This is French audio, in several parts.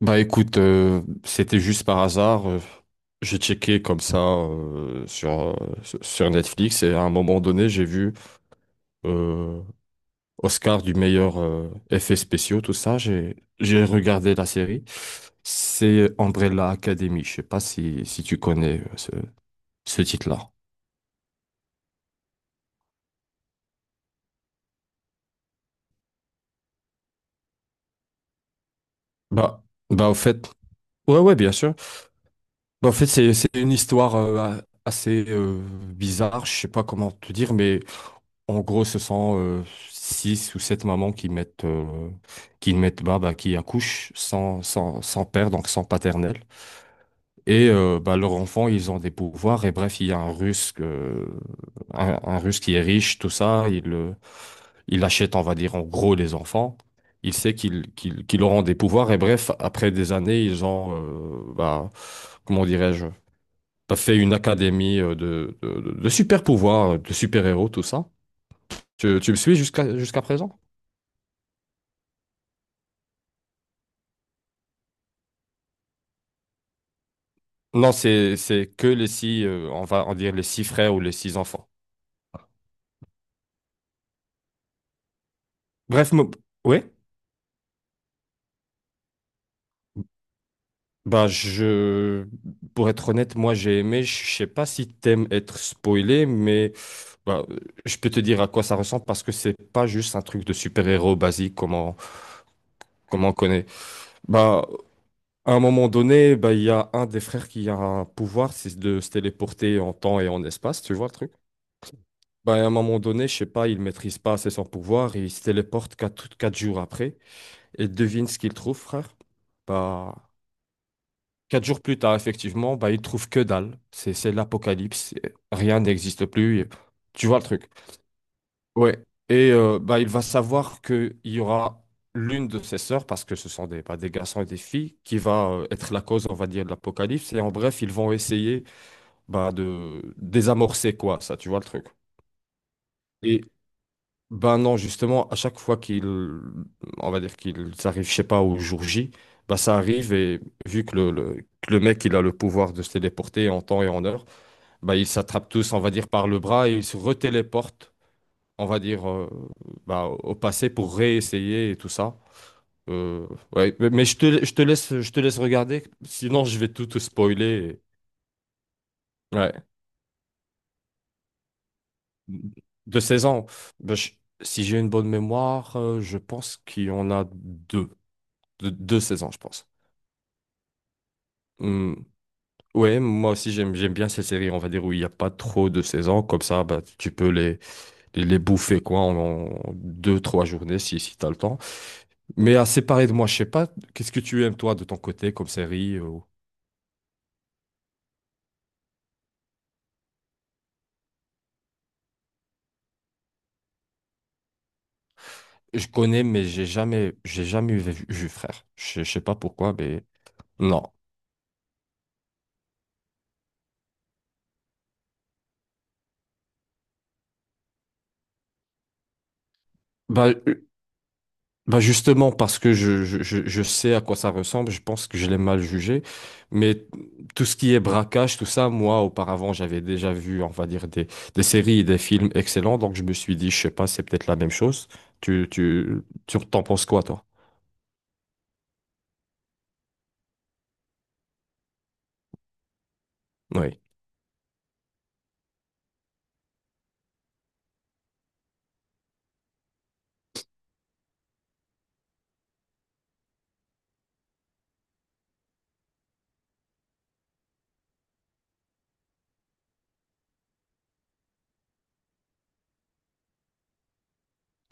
Bah écoute, c'était juste par hasard. J'ai checké comme ça sur Netflix et à un moment donné, j'ai vu euh, Oscar du meilleur effet spéciaux, tout ça. J'ai regardé la série. C'est Umbrella Academy. Je sais pas si tu connais ce titre-là. Bah, bah au fait, ouais, ouais, bien sûr. Bah, en fait, c'est une histoire assez bizarre. Je sais pas comment te dire, mais. En gros, ce sont six ou sept mamans qui mettent bah, bah, qui accouchent sans père, donc sans paternel. Et bah, leurs enfants, ils ont des pouvoirs. Et bref, il y a un Russe, un Russe qui est riche, tout ça. Il achète, on va dire, en gros, les enfants. Il sait qu'ils auront des pouvoirs. Et bref, après des années, ils ont, bah, comment dirais-je, bah, fait une académie de super pouvoirs, de super-héros, tout ça. Tu me suis jusqu'à présent? Non, c'est que les six, on va en dire les six frères ou les six enfants. Bref, ouais. Bah, pour être honnête, moi j'ai aimé. Je sais pas si t'aimes être spoilé, mais bah, je peux te dire à quoi ça ressemble parce que c'est pas juste un truc de super-héros basique comme on connaît. Bah, à un moment donné, bah il y a un des frères qui a un pouvoir, c'est de se téléporter en temps et en espace. Tu vois le truc? Bah, à un moment donné, je sais pas, il maîtrise pas assez son pouvoir et il se téléporte quatre jours après. Et devine ce qu'il trouve, frère. Bah, 4 jours plus tard, effectivement, bah, il trouve que dalle. C'est l'apocalypse. Rien n'existe plus. Tu vois le truc. Ouais. Et bah, il va savoir qu'il y aura l'une de ses sœurs, parce que ce sont des garçons et des filles, qui va être la cause, on va dire, de l'apocalypse. Et en bref, ils vont essayer bah, de désamorcer quoi, ça, tu vois le truc. Et ben non, justement, à chaque fois qu'il, on va dire qu'il, ça arrive, je sais pas, au jour J, bah ça arrive et vu que que le mec, il a le pouvoir de se téléporter en temps et en heure, bah ils s'attrapent tous, on va dire, par le bras et ils se retéléportent, on va dire, bah, au passé pour réessayer et tout ça. Euh, ouais, mais je te laisse regarder, sinon je vais tout te spoiler. Ouais. De 16 ans, bah, si j'ai une bonne mémoire, je pense qu'il y en a deux. Deux saisons, je pense. Hmm. Ouais, moi aussi j'aime bien ces séries, on va dire, où il n'y a pas trop de saisons. Comme ça, bah, tu peux les bouffer quoi, en deux, trois journées si tu as le temps. Mais à séparer de moi, je sais pas, qu'est-ce que tu aimes toi de ton côté comme série Je connais, mais j'ai jamais vu, frère. Je sais pas pourquoi, mais non. Bah, Bah justement, parce que je sais à quoi ça ressemble, je pense que je l'ai mal jugé. Mais tout ce qui est braquage, tout ça, moi, auparavant, j'avais déjà vu, on va dire, des séries et des films excellents. Donc, je me suis dit, je sais pas, c'est peut-être la même chose. Tu, tu, tu t'en penses quoi, toi? Oui.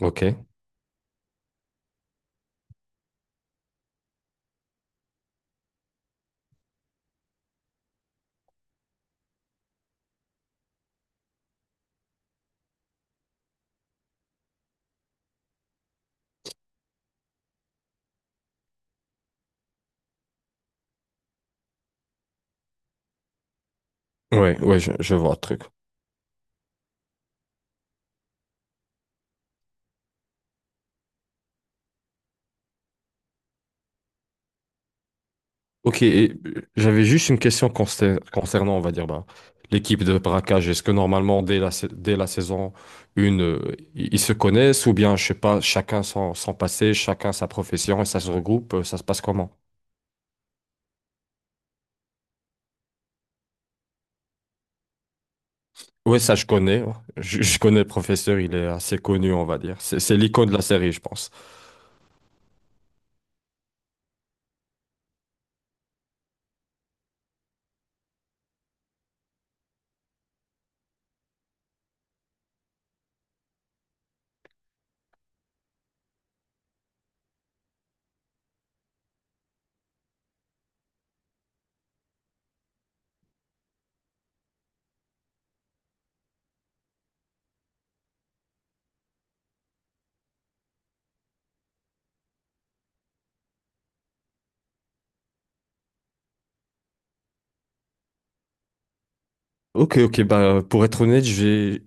Ok. Oui, oui, je vois le truc. Ok, et j'avais juste une question concernant, on va dire, ben, l'équipe de braquage. Est-ce que normalement, dès la saison 1, ils se connaissent ou bien, je sais pas, chacun son passé, chacun sa profession et ça se regroupe, ça se passe comment? Oui, ça, je connais, hein. Je connais le professeur, il est assez connu, on va dire. C'est l'icône de la série, je pense. Ok, ok, bah, pour être honnête, je vais-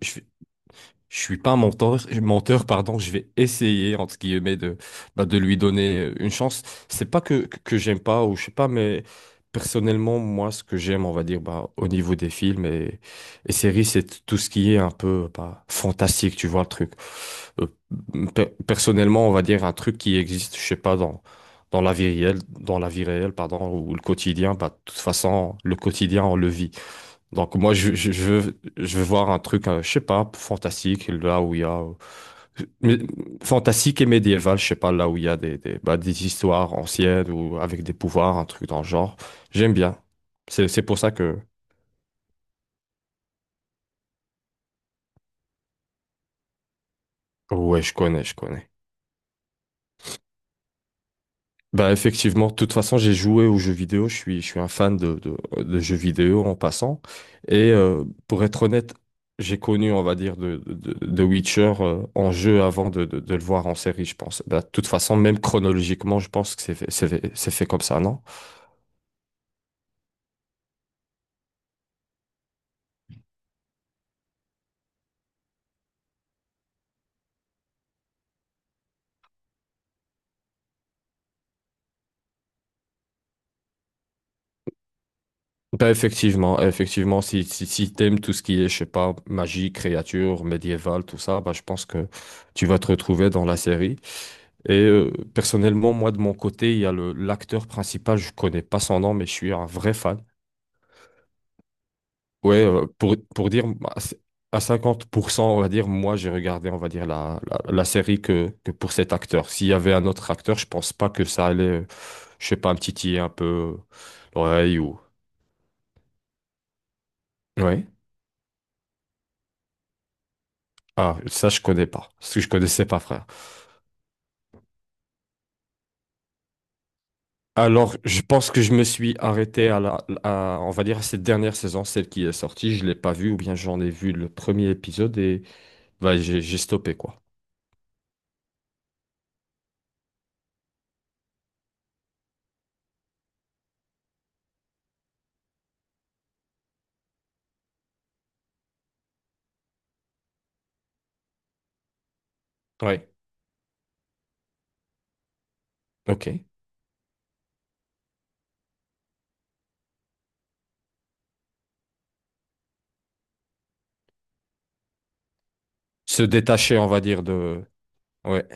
Je suis pas un menteur, menteur, pardon, je vais essayer, entre guillemets, de lui donner une chance. C'est pas que j'aime pas, ou je sais pas, mais personnellement, moi, ce que j'aime, on va dire, bah, au niveau des films et séries, c'est tout ce qui est un peu, bah, fantastique, tu vois, le truc. Euh, personnellement, on va dire un truc qui existe, je sais pas, dans la vie réelle, dans la vie réelle, pardon, ou le quotidien, bah, de toute façon, le quotidien, on le vit. Donc, moi, je veux voir un truc, je sais pas, fantastique, là où il y a mais- fantastique et médiéval, je sais pas, là où il y a des histoires anciennes ou avec des pouvoirs, un truc dans le genre, j'aime bien. C'est pour ça que ouais, je connais. Bah effectivement, de toute façon, j'ai joué aux jeux vidéo, je suis un fan de jeux vidéo en passant. Et pour être honnête, j'ai connu, on va dire, de Witcher en jeu avant de le voir en série, je pense. Bah, de toute façon, même chronologiquement, je pense que c'est fait comme ça, non? Ben effectivement, effectivement, si t'aimes tout ce qui est, je sais pas, magie, créature, médiévale, tout ça, ben je pense que tu vas te retrouver dans la série. Et personnellement, moi, de mon côté, il y a le l'acteur principal, je connais pas son nom, mais je suis un vrai fan. Ouais, pour dire, à 50%, on va dire, moi, j'ai regardé, on va dire, la série que pour cet acteur. S'il y avait un autre acteur, je pense pas que ça allait, je sais pas, me titiller un peu, l'oreille ou. Ouais. Ah, ça, je connais pas. Parce que je connaissais pas, frère. Alors, je pense que je me suis arrêté on va dire, à cette dernière saison, celle qui est sortie. Je l'ai pas vue, ou bien j'en ai vu le premier épisode et, bah, j'ai stoppé, quoi. Ouais. Ok. Se détacher, on va dire, ouais,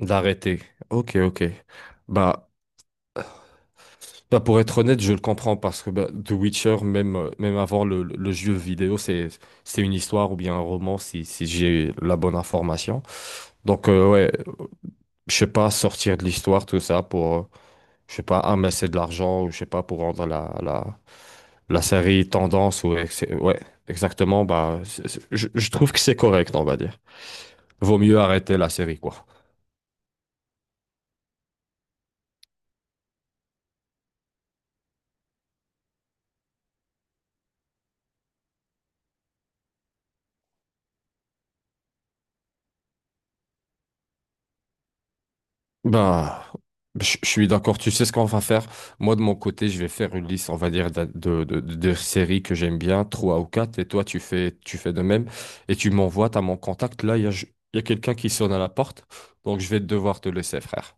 d'arrêter. Ok, ok. Bah, bah, pour être honnête, je le comprends parce que, bah, The Witcher, même, même avant le jeu vidéo, c'est une histoire ou bien un roman si j'ai la bonne information. Donc, ouais. Je sais pas, sortir de l'histoire, tout ça, pour, je sais pas, amasser de l'argent, ou je sais pas, pour rendre la série tendance, ou ouais, exactement, bah, je trouve que c'est correct, on va dire. Vaut mieux arrêter la série, quoi. Bah, je suis d'accord, tu sais ce qu'on va faire. Moi, de mon côté, je vais faire une liste, on va dire, de séries que j'aime bien, trois ou quatre, et toi, tu fais de même, et tu m'envoies, t'as mon contact, là, il y a quelqu'un qui sonne à la porte, donc je vais devoir te laisser, frère.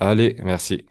Allez, merci.